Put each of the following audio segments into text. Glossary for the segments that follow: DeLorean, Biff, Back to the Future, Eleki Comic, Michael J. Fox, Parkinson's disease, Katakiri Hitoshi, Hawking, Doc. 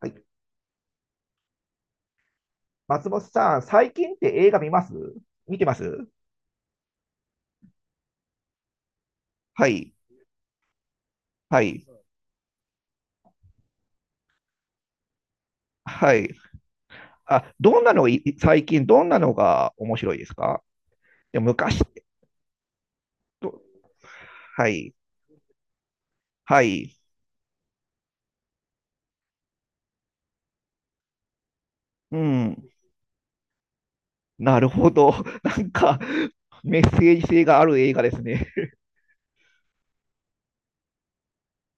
はい。松本さん、最近って映画見ます？見てます？はい。はい。はい。あ、どんなのい、最近どんなのが面白いですか？でも昔と、はい。はい。うん。なるほど。なんか、メッセージ性がある映画ですね。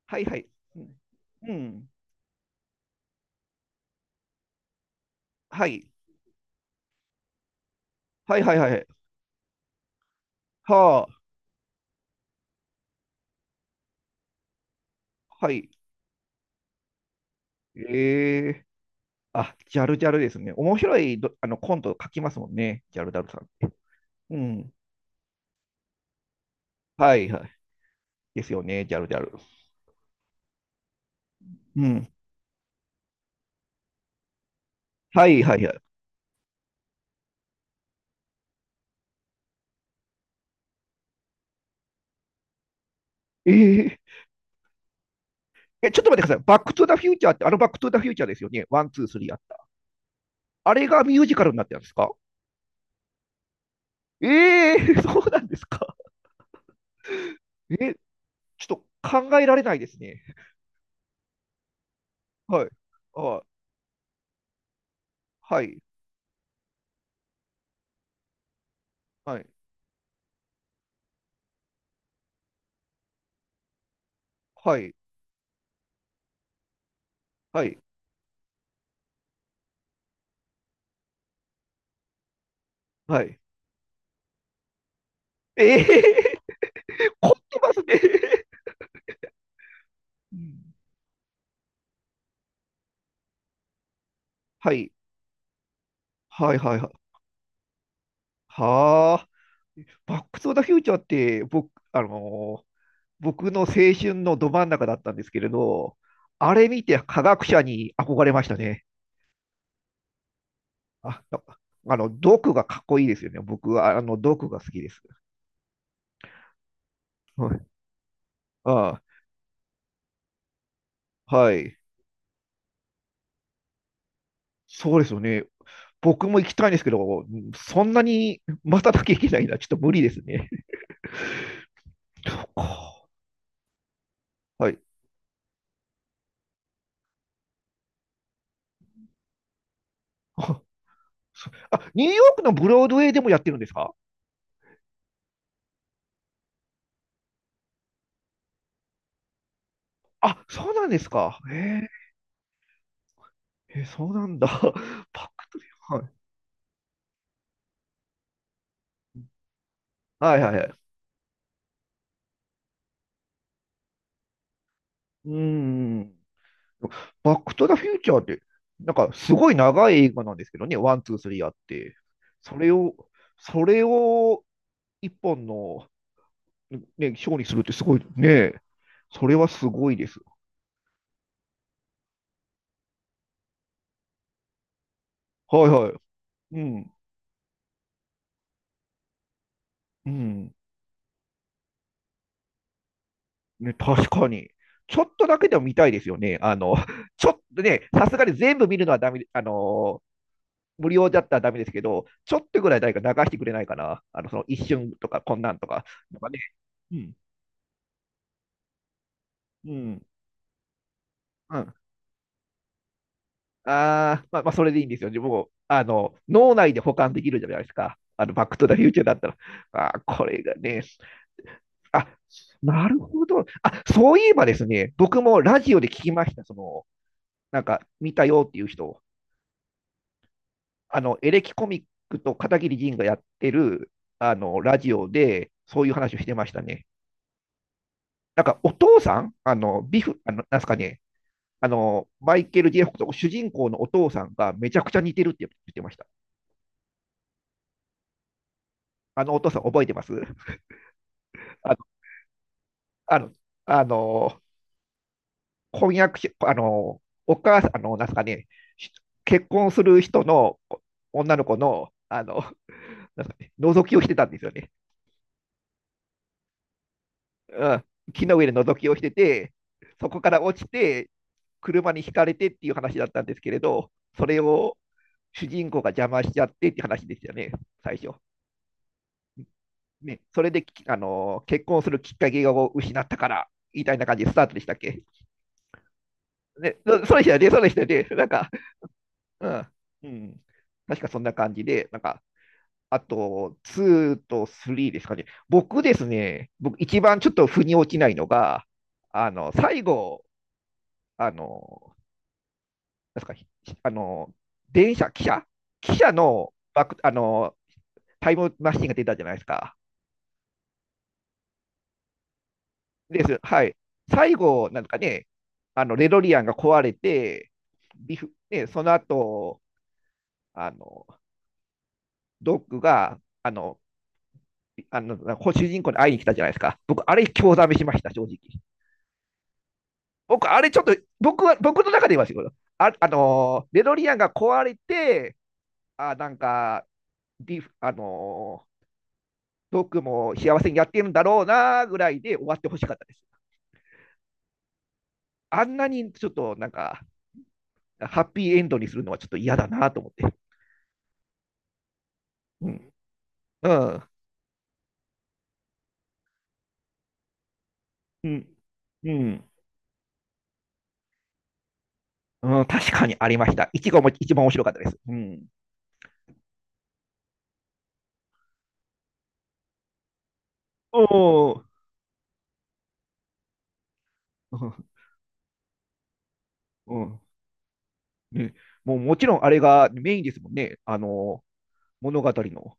はいはい。うんうん。はい。はいはいはい。はあ。はい。ええ、あ、ジャルジャルですね。面白いどあのコント書きますもんね、ジャルジャルさんって。うん。はいはい。ですよね、ジャルジャル。うん。はいはいはい。えー、え、ちょっと待ってください。バックトゥザフューチャーって、あのバックトゥザフューチャーですよね。ワン、ツー、スリーあった。あれがミュージカルになってるんですか？ええー、そうなんですか。え、ちょっと考えられないですね。はい。あ、はい。はい。はい。はい。はい。ええー、凝ってますね。うん、はい。はいはいはい。はあ。バックトゥザフューチャーって、僕、僕の青春のど真ん中だったんですけれど、あれ見て科学者に憧れましたね。あ、あの、毒がかっこいいですよね。僕は、あの、毒が好きです。はい。ああ、はい。そうですよね。僕も行きたいんですけど、そんなに瞬きゃいけないのはちょっと無理ですね。そうか。はい。あ、ニューヨークのブロードウェイでもやってるんですか？あ、そうなんですか。へえ、へえそうなんだ。パックと、はい、はいはいはい。うーん。バックトゥザフューチャーって、なんかすごい長い映画なんですけどね、ワン、ツー、スリーあって、それを、それを一本の、ね、ショーにするってすごいね、それはすごいです。はいはい。うん、うん、ね、確かに。ちょっとだけでも見たいですよね。あの、ちょっとね、さすがに全部見るのはダメ、あの、無料だったらダメですけど、ちょっとぐらい誰か流してくれないかな。あの、その一瞬とか、こんなんとか。なんかね、うん、うん。うん、あまあ、まあ、それでいいんですよ。でもあの、脳内で保管できるじゃないですか、あの、バックトゥザフューチャーだったら。あこれがね、あ、なるほど。あ、そういえばですね、僕もラジオで聞きました。その、なんか、見たよっていう人。あの、エレキコミックと片桐仁がやってる、あの、ラジオで、そういう話をしてましたね。なんか、お父さんあの、ビフ、あの、なんすかね、あの、マイケル・ジェフと主人公のお父さんがめちゃくちゃ似てるって言ってました。あのお父さん覚えてます？あの、あの、婚約し、あの、お母さん、あの、なんすかね、し結婚する人の女の子の、あの、なんすかね、覗きをしてたんですよね。うん。木の上で覗きをしてて、そこから落ちて、車にひかれてっていう話だったんですけれど、それを主人公が邪魔しちゃってっていう話でしたよね、最初。ね、それでき、あの、結婚するきっかけを失ったから、みたいな感じでスタートでしたっけ。ね、そうでしたよね、そうでしたよね。なんか、うん。うん。確かそんな感じで、なんか、あと、2と3ですかね。僕ですね、僕一番ちょっと腑に落ちないのが、あの、最後、あの、なんですか、あの、電車、汽車汽車のバック、あの、タイムマシンが出たじゃないですか。です。はい。最後、なんかね、あの、レドリアンが壊れて、ビフ、ね、その後、あの、ドッグが、あの、あの、主人公に会いに来たじゃないですか。僕、あれ、興ざめしました、正直。僕、あれ、ちょっと、僕は、僕の中で言いますよ、あ、あのー、デロリアンが壊れて、あ、なんか、ディフ、あのー、僕も幸せにやってるんだろうな、ぐらいで終わってほしかったです。あんなに、ちょっと、なんか、ハッピーエンドにするのはちょっと嫌だなと思って。うん。うん。うん。うんうん確かにありました。一番も、一番面白かったです。うん。おー。うん。うん、ね、もうもちろんあれがメインですもんね、あの物語の。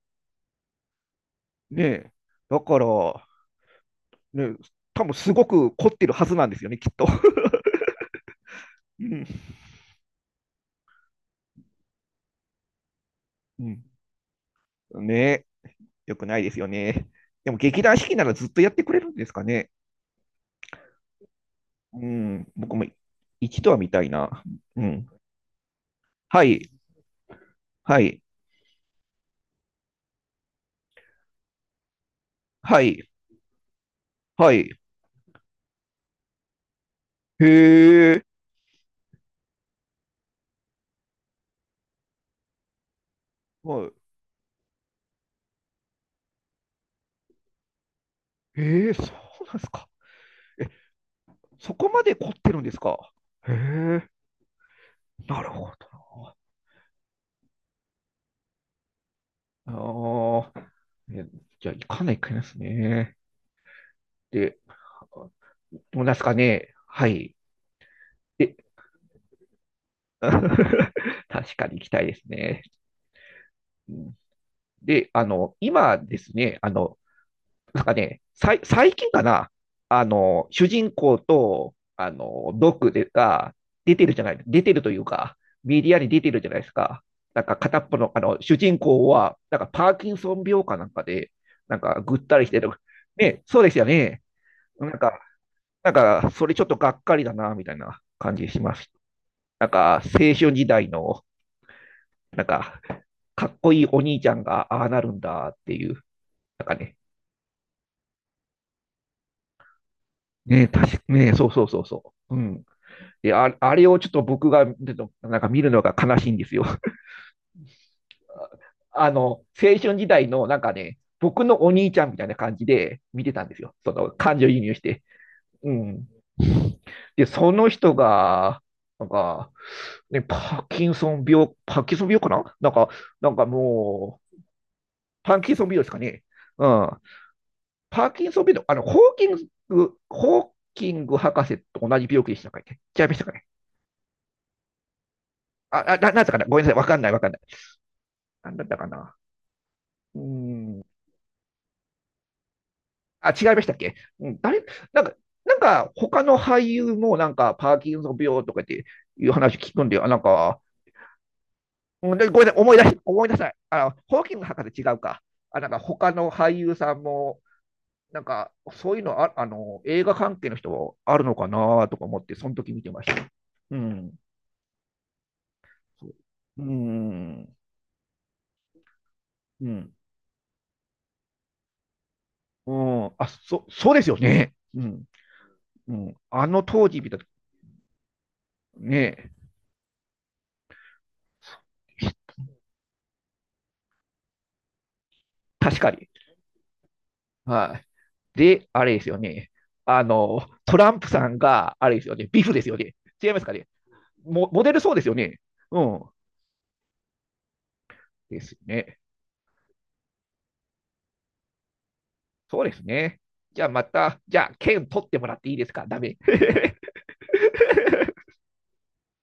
ね、だから、ね、多分すごく凝ってるはずなんですよね、きっと。うんうん、ね、よくないですよね。でも劇団四季ならずっとやってくれるんですかね。うん、僕も一度は見たいな。うん。はい、はい、はい、はい。へえ、はい。へえ、そうなんですか。そこまで凝ってるんですか。へえ、なるほどな。ああ、え、じゃあ行かないかいますね。で、どうなんですかね。はい。で、確かに行きたいですね。うん、で、あの、今ですね、あの、なんかね、最近かな、あの、主人公と、あの、ドックでが出てるじゃない、出てるというか、メディアに出てるじゃないですか。なんか片っぽの、あの、主人公は、なんかパーキンソン病かなんかで、なんかぐったりしてる。ね、そうですよね。なんか、なんか、それちょっとがっかりだな、みたいな感じします。なんか、青春時代の、なんか、かっこいいお兄ちゃんが、ああなるんだっていう、なんかね、ねえ、確かねえ、そうそうそうそう。うん。で、あ、あれをちょっと僕が、ちょっとなんか見るのが悲しいんですよ。あの、青春時代の、なんかね、僕のお兄ちゃんみたいな感じで見てたんですよ、その、感情移入して。うん。で、その人が、なんか、ね、パーキンソン病、パーキンソン病かななんか、なんかもう、パーキンソン病ですかね。うん。パーキンソン病の、あの、ホーキング博士と同じ病気でしたかね。違いましたかね。あ、なんだったかなごめんなさい。わかんない、わかんない。なんだったかな。うーん。あ、違いましたっけ？うん、誰、なんか、なんか、他の俳優もなんか、パーキンソン病とかっていう話聞くんで、あ、なんか、うんでごめんなさい、思い出さない。あの、ホーキング博士違うか。あ、なんか他の俳優さんも、なんかそういうのあ、あの、映画関係の人あるのかなとか思って、その時見てました。うん。そううん。うん。うん。あ、そ、そうですよね。うん。うん。あの当時見た時、ね、確かに。はい。で、あれですよね。あの、トランプさんが、あれですよね。ビフですよね。違いますかね。モデルそうですよね。うん。ですね。そうですね。じゃあまた、じゃあ、券取ってもらっていいですか？ダメ。